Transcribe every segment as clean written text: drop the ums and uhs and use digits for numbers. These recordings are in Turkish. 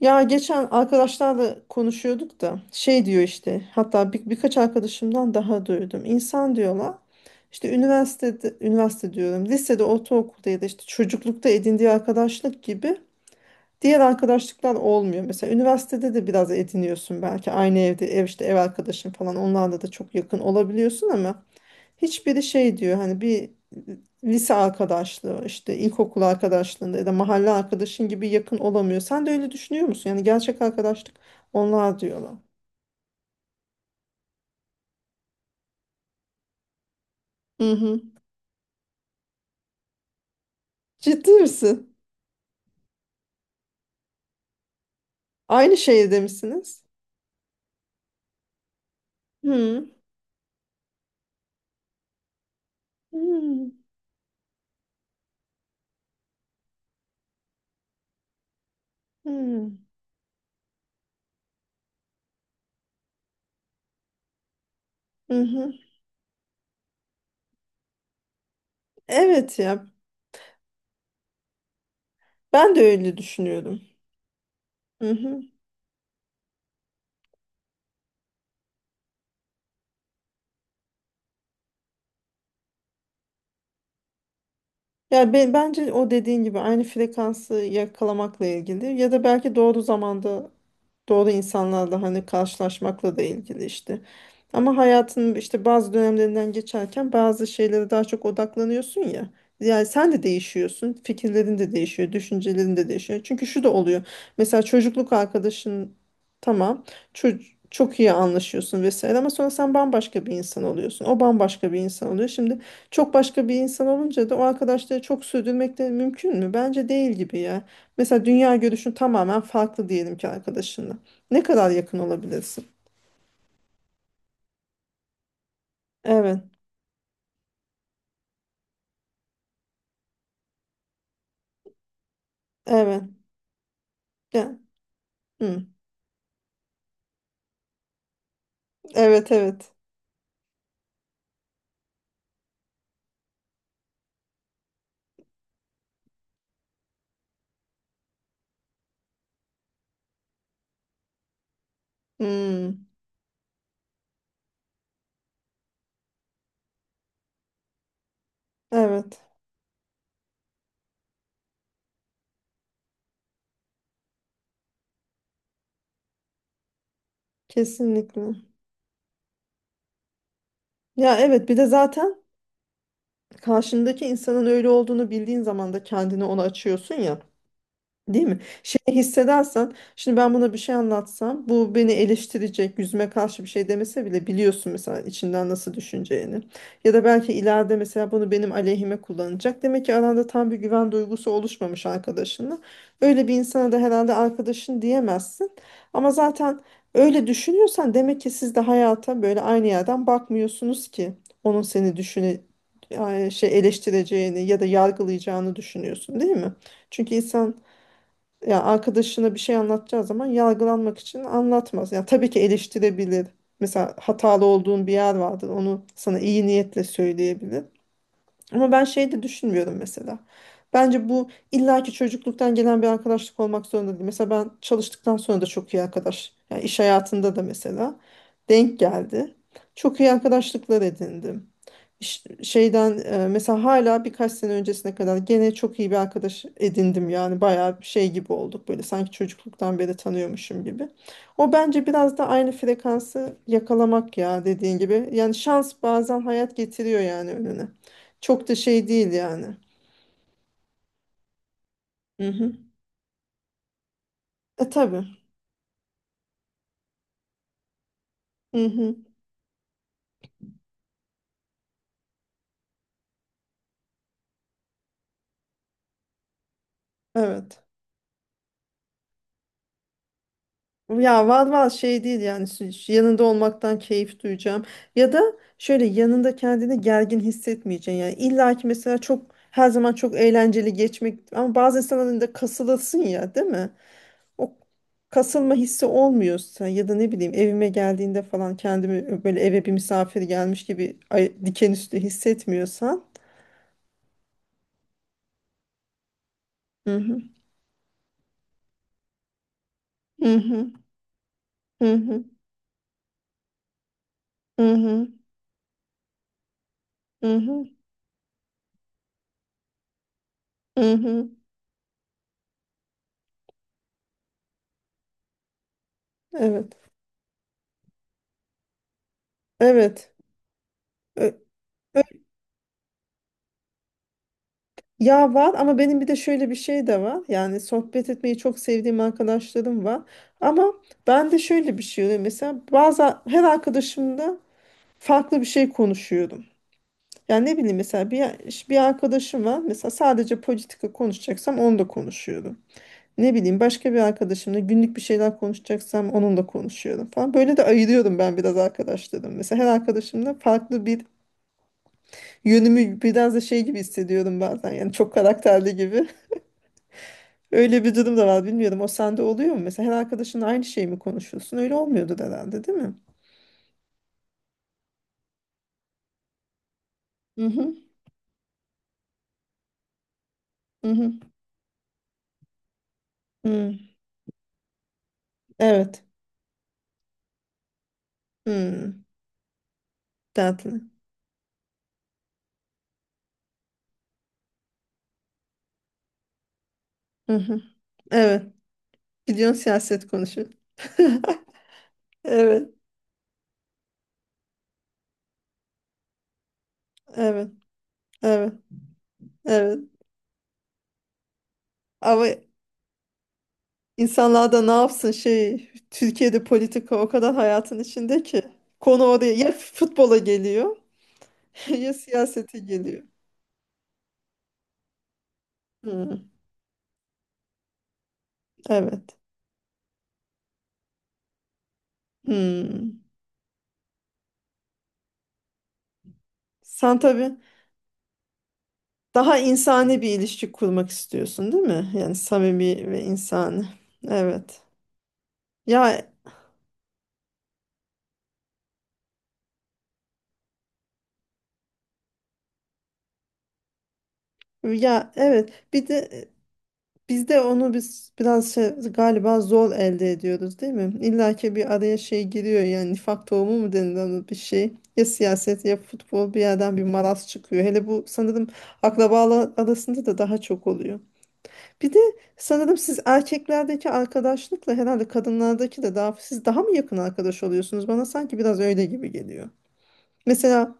Ya geçen arkadaşlarla konuşuyorduk da şey diyor işte hatta birkaç arkadaşımdan daha duydum. İnsan diyorlar işte üniversite diyorum lisede ortaokulda ya da işte çocuklukta edindiği arkadaşlık gibi diğer arkadaşlıklar olmuyor. Mesela üniversitede de biraz ediniyorsun belki aynı evde ev arkadaşın falan onlarla da çok yakın olabiliyorsun ama hiçbiri şey diyor hani bir lise arkadaşlığı işte ilkokul arkadaşlığında ya da mahalle arkadaşın gibi yakın olamıyor. Sen de öyle düşünüyor musun? Yani gerçek arkadaşlık onlar diyorlar. Hı hı. Ciddi misin? Aynı şehirde misiniz? Hı. Hı. Hı. Hı hı. Evet ya, ben de öyle düşünüyorum. Hı hı. Ya bence o dediğin gibi aynı frekansı yakalamakla ilgili ya da belki doğru zamanda doğru insanlarla hani karşılaşmakla da ilgili işte. Ama hayatın işte bazı dönemlerinden geçerken bazı şeylere daha çok odaklanıyorsun ya. Yani sen de değişiyorsun, fikirlerin de değişiyor, düşüncelerin de değişiyor. Çünkü şu da oluyor. Mesela çocukluk arkadaşın tamam, çok, çok iyi anlaşıyorsun vesaire ama sonra sen bambaşka bir insan oluyorsun. O bambaşka bir insan oluyor. Şimdi çok başka bir insan olunca da o arkadaşları çok sürdürmek de mümkün mü? Bence değil gibi ya. Mesela dünya görüşün tamamen farklı diyelim ki arkadaşınla. Ne kadar yakın olabilirsin? Evet, evet. Ya, hı. Evet, evet. Hmm, evet, kesinlikle. Ya evet, bir de zaten karşındaki insanın öyle olduğunu bildiğin zaman da kendini ona açıyorsun ya. Değil mi? Şey hissedersen, şimdi ben buna bir şey anlatsam, bu beni eleştirecek, yüzüme karşı bir şey demese bile biliyorsun mesela içinden nasıl düşüneceğini. Ya da belki ileride mesela bunu benim aleyhime kullanacak. Demek ki aranda tam bir güven duygusu oluşmamış arkadaşınla. Öyle bir insana da herhalde arkadaşın diyemezsin. Ama zaten öyle düşünüyorsan demek ki siz de hayata böyle aynı yerden bakmıyorsunuz ki onun seni şey eleştireceğini ya da yargılayacağını düşünüyorsun, değil mi? Çünkü insan ya arkadaşına bir şey anlatacağı zaman yargılanmak için anlatmaz. Yani tabii ki eleştirebilir. Mesela hatalı olduğun bir yer vardır. Onu sana iyi niyetle söyleyebilir. Ama ben şey de düşünmüyorum mesela. Bence bu illaki çocukluktan gelen bir arkadaşlık olmak zorunda değil. Mesela ben çalıştıktan sonra da çok iyi arkadaş. Yani iş hayatında da mesela denk geldi. Çok iyi arkadaşlıklar edindim mesela hala birkaç sene öncesine kadar gene çok iyi bir arkadaş edindim yani bayağı bir şey gibi olduk böyle sanki çocukluktan beri tanıyormuşum gibi. O bence biraz da aynı frekansı yakalamak ya dediğin gibi. Yani şans bazen hayat getiriyor yani önüne. Çok da şey değil yani. Hı hı. E tabii. Hı hı. Evet. Ya var var şey değil yani şu yanında olmaktan keyif duyacağım. Ya da şöyle yanında kendini gergin hissetmeyeceksin. Yani illa ki mesela çok her zaman çok eğlenceli geçmek ama bazı insanların da kasılasın ya değil mi? O kasılma hissi olmuyorsa ya da ne bileyim evime geldiğinde falan kendimi böyle eve bir misafir gelmiş gibi diken üstü hissetmiyorsan. Hı hı. Hı hı. Hı hı. Hı hı. Hı hı. Hı hı. Evet. Evet. Ö- Ya var ama benim bir de şöyle bir şey de var. Yani sohbet etmeyi çok sevdiğim arkadaşlarım var. Ama ben de şöyle bir şey oluyor. Mesela bazı her arkadaşımla farklı bir şey konuşuyorum. Yani ne bileyim mesela bir arkadaşım var. Mesela sadece politika konuşacaksam onu da konuşuyorum. Ne bileyim başka bir arkadaşımla günlük bir şeyler konuşacaksam onunla konuşuyorum falan. Böyle de ayırıyorum ben biraz arkadaşlarım. Mesela her arkadaşımla farklı bir yönümü biraz da şey gibi hissediyorum bazen. Yani çok karakterli gibi. Öyle bir durum da var bilmiyorum. O sende oluyor mu? Mesela her arkadaşınla aynı şeyi mi konuşuyorsun? Öyle olmuyordu herhalde, değil mi? Hı hı. Hı hı. Hı. Evet. Hı. Dertli. Hı hı. Evet. Gidiyorsun siyaset konuşuyor. Evet. Evet. Evet. Evet. Ama insanlar da ne yapsın şey Türkiye'de politika o kadar hayatın içinde ki konu oraya ya futbola geliyor ya siyasete geliyor. Hı. Evet. Hı. Sen tabii daha insani bir ilişki kurmak istiyorsun, değil mi? Yani samimi ve insani. Evet. Ya ya evet. Bir de biz de onu biraz şey, galiba zor elde ediyoruz, değil mi? İlla ki bir araya şey giriyor yani nifak tohumu mu denilen bir şey. Ya siyaset ya futbol bir yerden bir maraz çıkıyor. Hele bu sanırım akrabalar arasında da daha çok oluyor. Bir de sanırım siz erkeklerdeki arkadaşlıkla herhalde kadınlardaki de daha siz daha mı yakın arkadaş oluyorsunuz? Bana sanki biraz öyle gibi geliyor. Mesela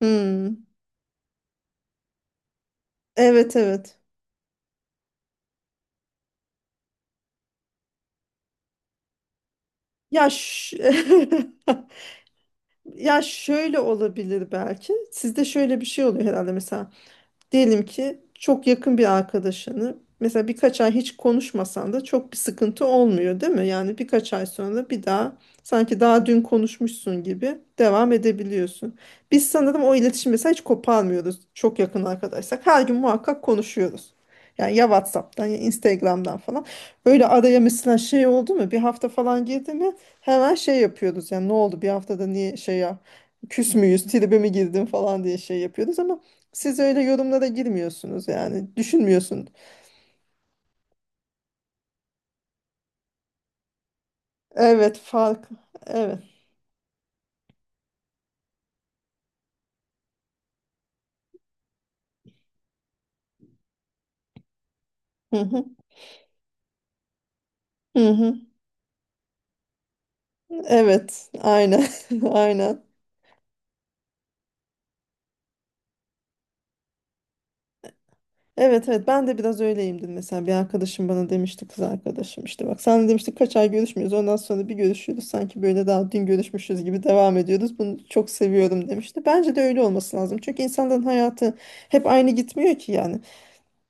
hmm, evet evet. Ya ş- ya şöyle olabilir belki. Sizde şöyle bir şey oluyor herhalde mesela diyelim ki çok yakın bir arkadaşını mesela birkaç ay hiç konuşmasan da çok bir sıkıntı olmuyor değil mi? Yani birkaç ay sonra bir daha sanki daha dün konuşmuşsun gibi devam edebiliyorsun. Biz sanırım o iletişim mesela hiç koparmıyoruz çok yakın arkadaşsak. Her gün muhakkak konuşuyoruz. Yani ya WhatsApp'tan ya Instagram'dan falan. Böyle araya mesela şey oldu mu bir hafta falan girdi mi hemen şey yapıyoruz. Yani ne oldu bir haftada niye şey ya küs müyüz tribe mi girdin falan diye şey yapıyoruz ama siz öyle yorumlara girmiyorsunuz yani. Düşünmüyorsun. Evet fark. Evet. Hı hı. Hı hı. Evet. Aynen. Aynen. Evet evet ben de biraz öyleyimdir mesela bir arkadaşım bana demişti kız arkadaşım işte bak sen demiştik kaç ay görüşmüyoruz ondan sonra bir görüşüyoruz sanki böyle daha dün görüşmüşüz gibi devam ediyoruz bunu çok seviyorum demişti. Bence de öyle olması lazım çünkü insanların hayatı hep aynı gitmiyor ki yani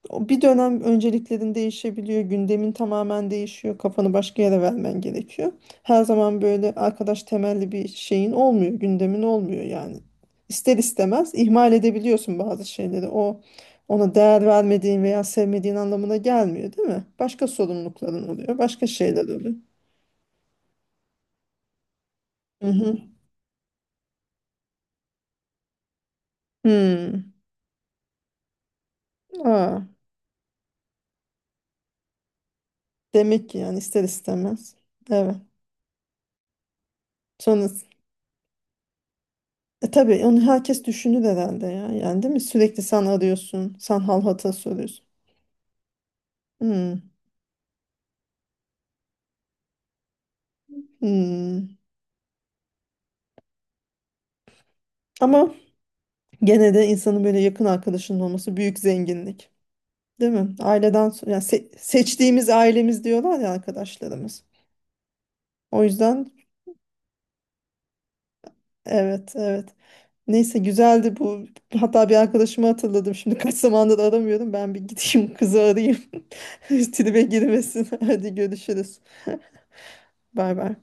o bir dönem önceliklerin değişebiliyor, gündemin tamamen değişiyor, kafanı başka yere vermen gerekiyor. Her zaman böyle arkadaş temelli bir şeyin olmuyor, gündemin olmuyor yani. İster istemez ihmal edebiliyorsun bazı şeyleri. O ona değer vermediğin veya sevmediğin anlamına gelmiyor, değil mi? Başka sorumlulukların oluyor, başka şeyler oluyor. Hı hı. Hmm. Aa, demek ki yani ister istemez. Evet. Sonra E tabii onu herkes düşünür herhalde ya. Yani değil mi? Sürekli sen arıyorsun. Sen hal hatır soruyorsun. Hmm, hmm. Ama gene de insanın böyle yakın arkadaşının olması büyük zenginlik. Değil mi? Aileden yani seçtiğimiz ailemiz diyorlar ya arkadaşlarımız. O yüzden evet evet. Neyse güzeldi bu. Hatta bir arkadaşımı hatırladım. Şimdi kaç zamandır aramıyorum. Ben bir gideyim kızı arayayım. Tribe girmesin. Hadi görüşürüz. Bay bay.